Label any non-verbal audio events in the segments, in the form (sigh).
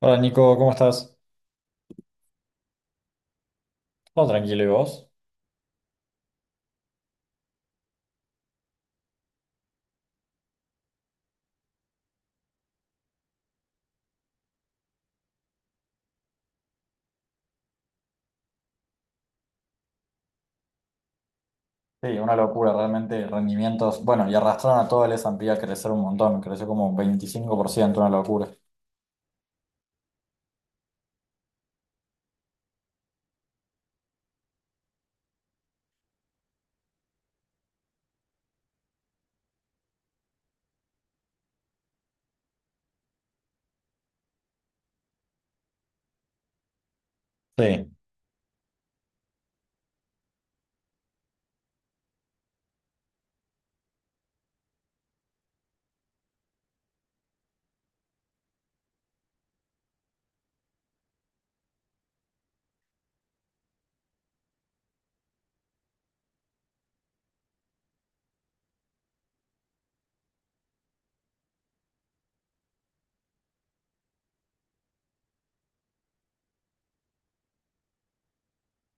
Hola Nico, ¿cómo estás? Todo tranquilo, ¿y vos? Sí, una locura, realmente rendimientos. Bueno, y arrastraron a todo el S&P a crecer un montón, creció como un 25%, una locura. Sí.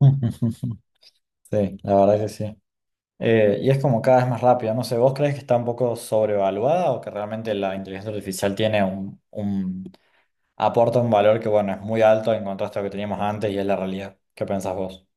(laughs) Sí, la verdad que sí. Y es como cada vez más rápido, no sé, ¿vos crees que está un poco sobrevaluada o que realmente la inteligencia artificial tiene un aporta un valor que, bueno, es muy alto en contraste a lo que teníamos antes y es la realidad? ¿Qué pensás vos?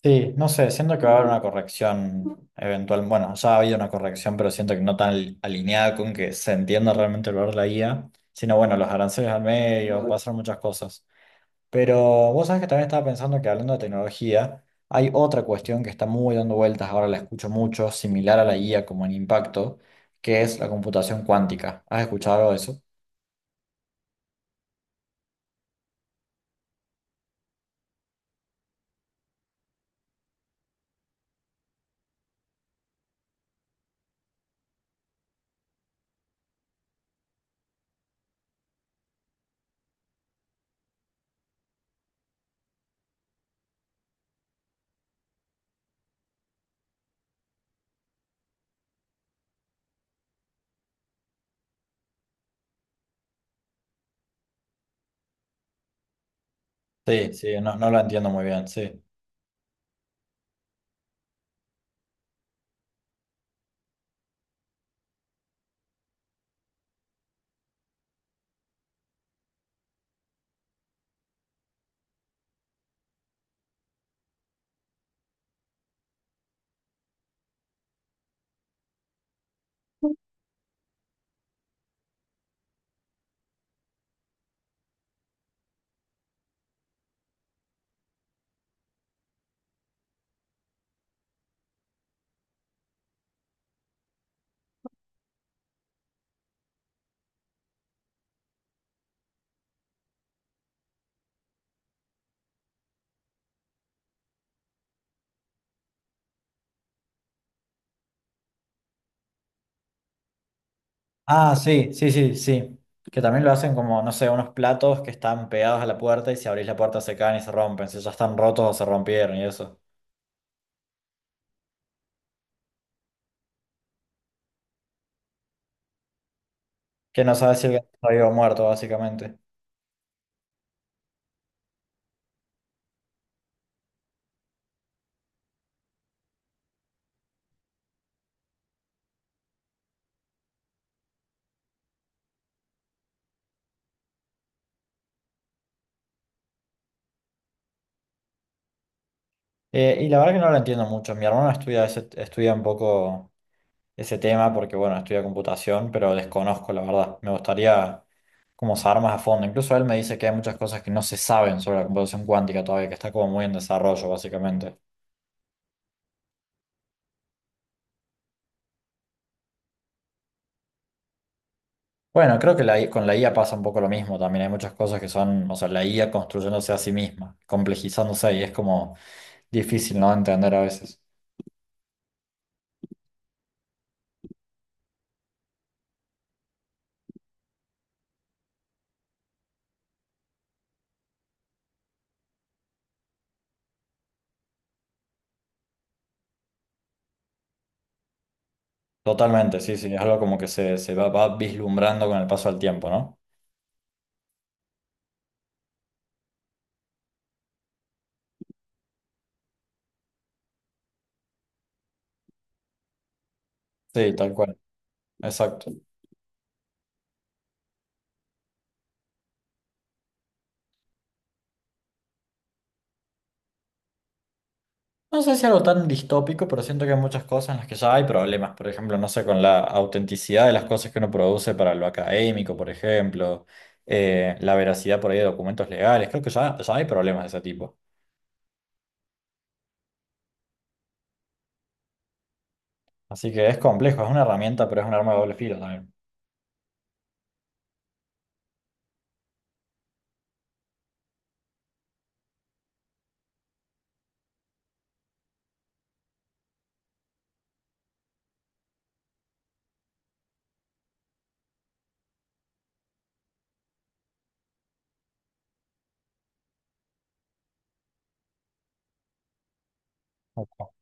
Sí, no sé, siento que va a haber una corrección eventual. Bueno, ya ha habido una corrección, pero siento que no tan alineada con que se entienda realmente el valor de la IA, sino bueno, los aranceles al medio, va a ser muchas cosas. Pero vos sabés que también estaba pensando que, hablando de tecnología, hay otra cuestión que está muy dando vueltas, ahora la escucho mucho, similar a la IA como en impacto, que es la computación cuántica. ¿Has escuchado algo de eso? Sí, sí, no, no lo entiendo muy bien, sí. Ah, sí, sí, sí, sí. Que también lo hacen como, no sé, unos platos que están pegados a la puerta y si abrís la puerta se caen y se rompen. Si ya están rotos o se rompieron y eso. Que no sabes si el gato está vivo o muerto, básicamente. Y la verdad que no lo entiendo mucho. Mi hermano estudia, estudia un poco ese tema porque, bueno, estudia computación, pero desconozco, la verdad. Me gustaría como saber más a fondo. Incluso él me dice que hay muchas cosas que no se saben sobre la computación cuántica todavía, que está como muy en desarrollo, básicamente. Bueno, creo que la con la IA pasa un poco lo mismo también. Hay muchas cosas que son, o sea, la IA construyéndose a sí misma, complejizándose y es como difícil, ¿no? Entender a veces. Totalmente, sí, sí, es algo como que se va, va vislumbrando con el paso del tiempo, ¿no? Sí, tal cual, exacto. No sé si algo tan distópico, pero siento que hay muchas cosas en las que ya hay problemas. Por ejemplo, no sé, con la autenticidad de las cosas que uno produce para lo académico, por ejemplo, la veracidad por ahí de documentos legales. Creo que ya, ya hay problemas de ese tipo. Así que es complejo, es una herramienta, pero es un arma de doble filo también. Ojo.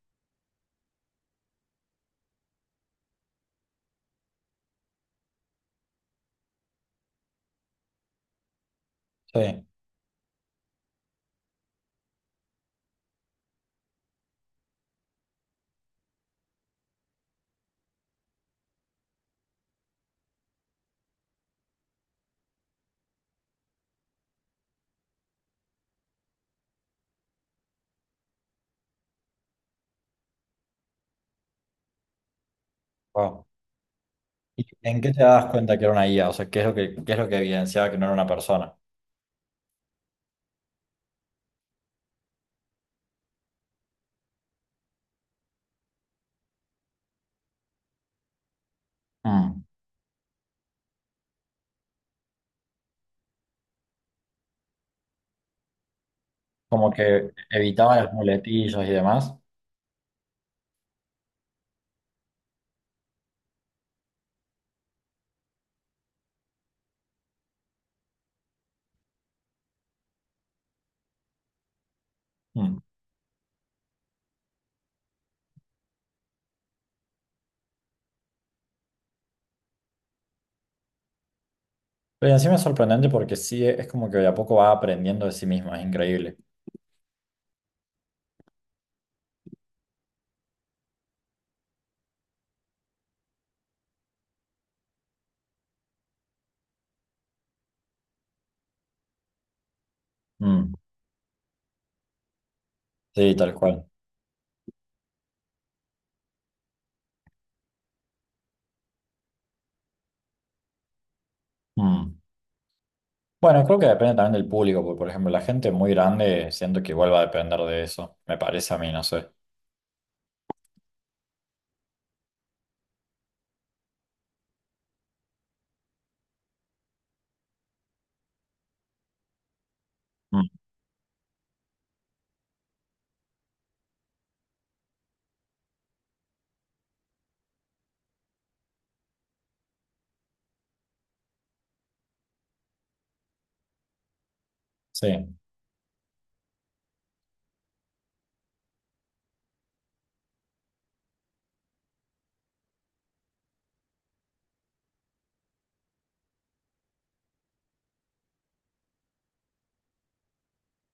Sí, wow. ¿Y en qué te das cuenta que era una IA? O sea, ¿qué es lo que, qué es lo que evidenciaba que no era una persona? Mm. Como que evitaba las muletillas y demás. Mm. Pero encima es sorprendente porque sí, es como que de a poco va aprendiendo de sí misma, es increíble. Mm. Sí, tal cual. Mm. Bueno, creo que depende también del público, porque por ejemplo, la gente muy grande siento que igual va a depender de eso, me parece a mí, no sé. Mm. Sí.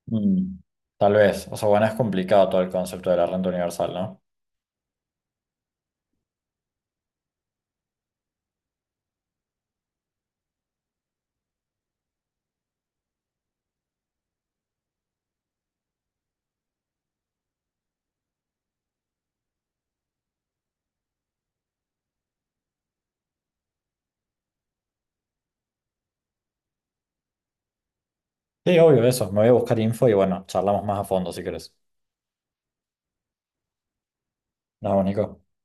Mm, tal vez. O sea, bueno, es complicado todo el concepto de la renta universal, ¿no? Sí, obvio, eso. Me voy a buscar info y bueno, charlamos más a fondo si querés. Nos vemos, Nico.